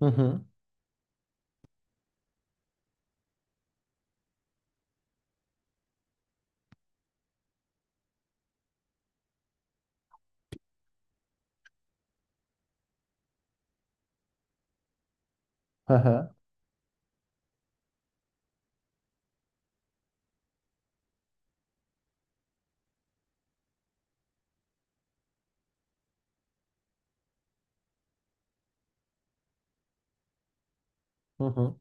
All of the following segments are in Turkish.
Hı hı. Hı hı. Hı hı.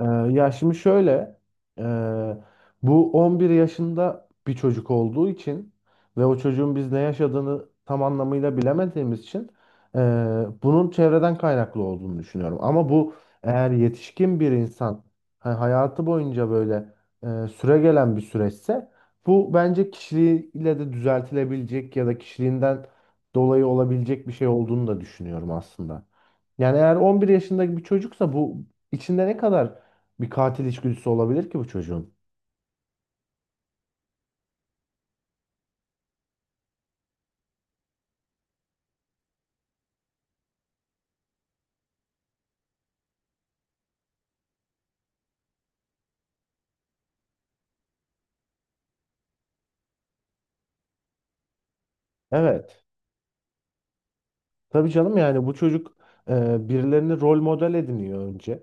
Ee, Ya şimdi şöyle, e, bu 11 yaşında bir çocuk olduğu için ve o çocuğun biz ne yaşadığını tam anlamıyla bilemediğimiz için, e, bunun çevreden kaynaklı olduğunu düşünüyorum. Ama bu, eğer yetişkin bir insan hayatı boyunca böyle süre gelen bir süreçse, bu bence kişiliğiyle de düzeltilebilecek ya da kişiliğinden dolayı olabilecek bir şey olduğunu da düşünüyorum aslında. Yani eğer 11 yaşındaki bir çocuksa bu, içinde ne kadar bir katil içgüdüsü olabilir ki bu çocuğun. Evet. Tabii canım, yani bu çocuk birilerini rol model ediniyor önce.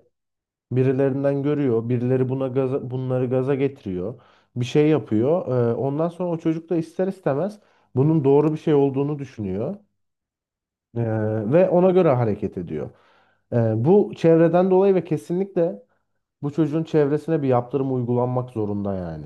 Birilerinden görüyor. Birileri buna gaza, bunları gaza getiriyor. Bir şey yapıyor. Ondan sonra o çocuk da ister istemez bunun doğru bir şey olduğunu düşünüyor. E, Ve ona göre hareket ediyor. E, Bu çevreden dolayı, ve kesinlikle bu çocuğun çevresine bir yaptırım uygulanmak zorunda yani.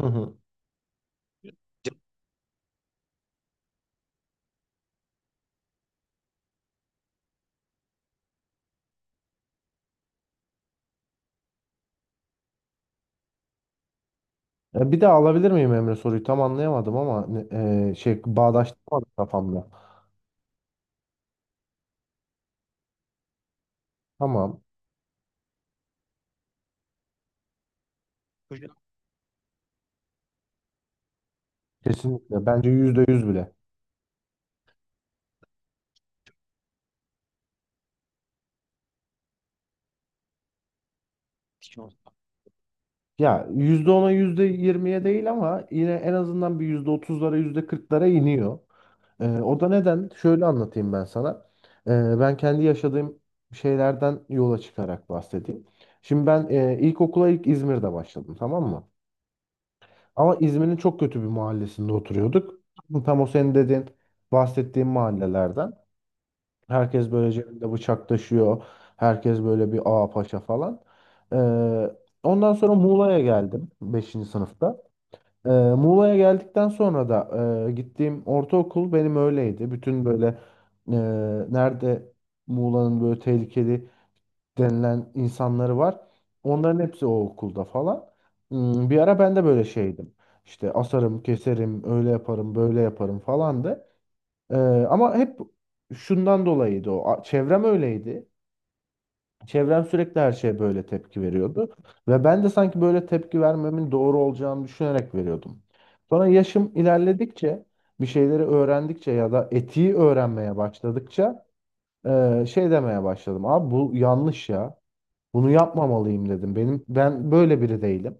Hı hı. Ya, bir daha alabilir miyim Emre soruyu? Tam anlayamadım ama şey, bağdaştırmadım kafamda. Tamam. Hocam. Kesinlikle. Bence %100 bile. Hiç olmaz. Ya %10'a yüzde yirmiye değil, ama yine en azından bir %30'lara yüzde kırklara iniyor. O da neden? Şöyle anlatayım ben sana. Ben kendi yaşadığım şeylerden yola çıkarak bahsedeyim. Şimdi ben, ilkokula ilk İzmir'de başladım, tamam mı? Ama İzmir'in çok kötü bir mahallesinde oturuyorduk. Tam o senin dediğin, bahsettiğin mahallelerden. Herkes böyle cebinde bıçak taşıyor. Herkes böyle bir ağa paşa falan. Ee, Ondan sonra Muğla'ya geldim beşinci sınıfta. Muğla'ya geldikten sonra da gittiğim ortaokul benim öyleydi. Bütün böyle e, nerede Muğla'nın böyle tehlikeli denilen insanları var. Onların hepsi o okulda falan. Hmm, bir ara ben de böyle şeydim. İşte asarım, keserim, öyle yaparım, böyle yaparım falandı. Ee, Ama hep şundan dolayıydı o. Çevrem öyleydi. Çevrem sürekli her şeye böyle tepki veriyordu. Ve ben de sanki böyle tepki vermemin doğru olacağını düşünerek veriyordum. Sonra yaşım ilerledikçe, bir şeyleri öğrendikçe ya da etiği öğrenmeye başladıkça şey demeye başladım. Abi bu yanlış ya. Bunu yapmamalıyım dedim. Benim ben böyle biri değilim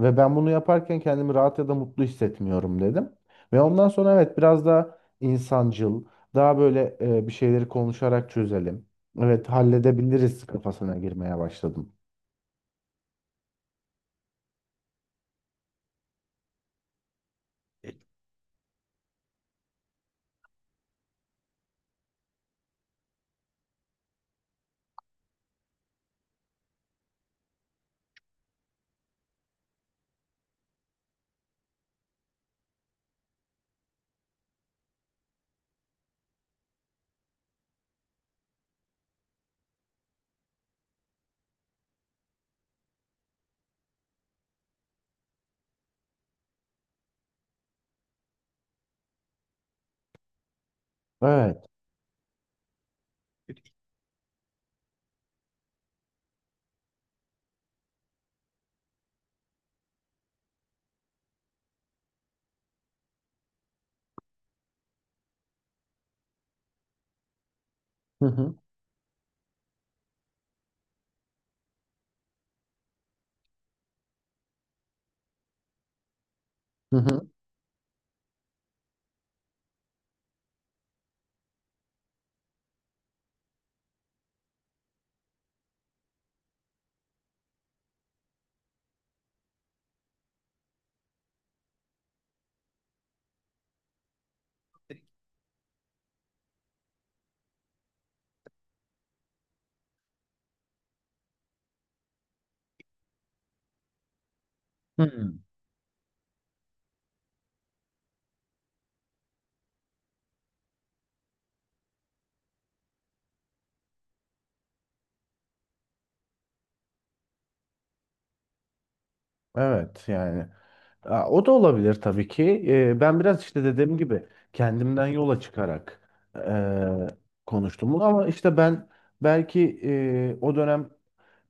ve ben bunu yaparken kendimi rahat ya da mutlu hissetmiyorum dedim. Ve ondan sonra evet, biraz daha insancıl, daha böyle bir şeyleri konuşarak çözelim. Evet, halledebiliriz kafasına girmeye başladım. Evet. Hı hı. Hı hı. Hı. Evet yani. Aa, o da olabilir tabii ki. Ben biraz işte dediğim gibi kendimden yola çıkarak konuştum bunu. Ama işte ben belki o dönem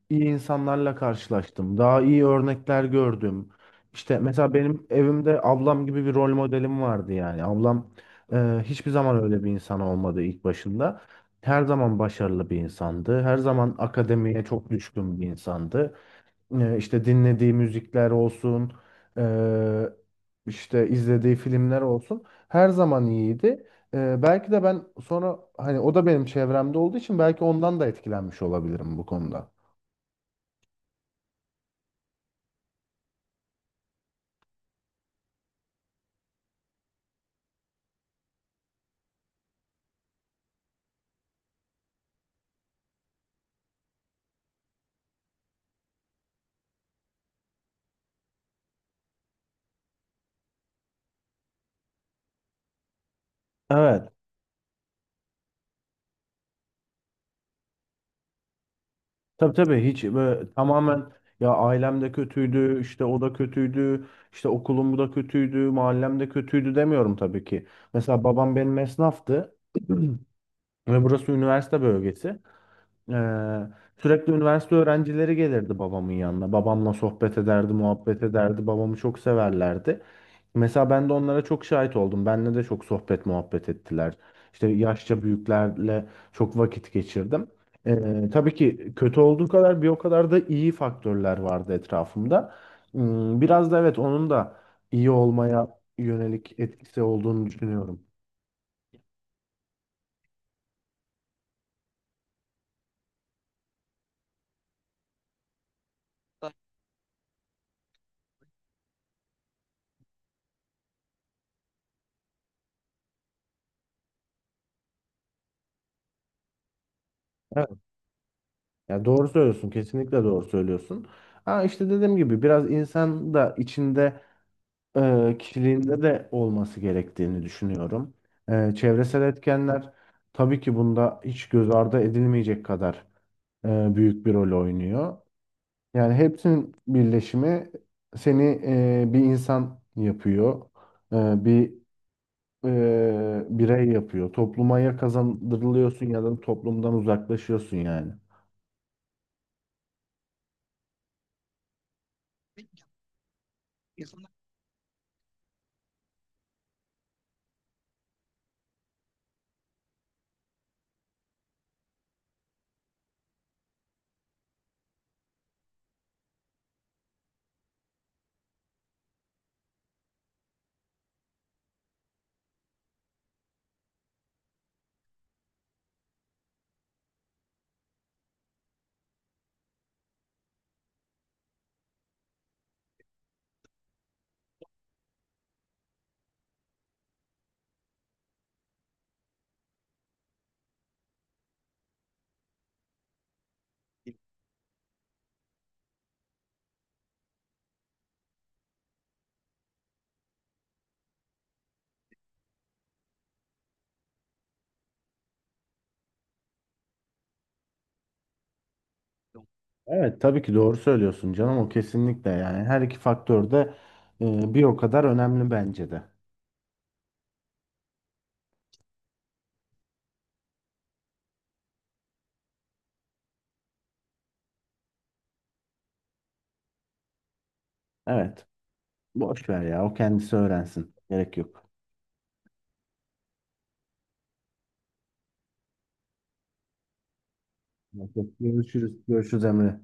iyi insanlarla karşılaştım. Daha iyi örnekler gördüm. İşte mesela benim evimde ablam gibi bir rol modelim vardı yani. Ablam e, hiçbir zaman öyle bir insan olmadı ilk başında. Her zaman başarılı bir insandı. Her zaman akademiye çok düşkün bir insandı. İşte dinlediği müzikler olsun, e, işte izlediği filmler olsun. Her zaman iyiydi. Belki de ben sonra, hani o da benim çevremde olduğu için belki ondan da etkilenmiş olabilirim bu konuda. Evet. Tabii tabii, hiç böyle tamamen ya ailem de kötüydü, işte o da kötüydü, işte okulum da kötüydü, mahallem de kötüydü demiyorum tabii ki. Mesela babam benim esnaftı ve burası üniversite bölgesi. Ee, Sürekli üniversite öğrencileri gelirdi babamın yanına. Babamla sohbet ederdi, muhabbet ederdi. Babamı çok severlerdi. Mesela ben de onlara çok şahit oldum. Benle de çok sohbet muhabbet ettiler. İşte yaşça büyüklerle çok vakit geçirdim. Tabii ki kötü olduğu kadar bir o kadar da iyi faktörler vardı etrafımda. Hmm, biraz da evet onun da iyi olmaya yönelik etkisi olduğunu düşünüyorum. Ya doğru söylüyorsun, kesinlikle doğru söylüyorsun. Ha işte dediğim gibi biraz insan da içinde kişiliğinde de olması gerektiğini düşünüyorum. Çevresel etkenler tabii ki bunda hiç göz ardı edilmeyecek kadar büyük bir rol oynuyor. Yani hepsinin birleşimi seni bir insan yapıyor, e, bir birey yapıyor. Toplumaya kazandırılıyorsun ya da toplumdan uzaklaşıyorsun yani. Evet tabii ki doğru söylüyorsun canım, o kesinlikle yani her iki faktör de bir o kadar önemli bence de. Evet. Boş ver ya. O kendisi öğrensin. Gerek yok. Görüşürüz. Görüşürüz Emre.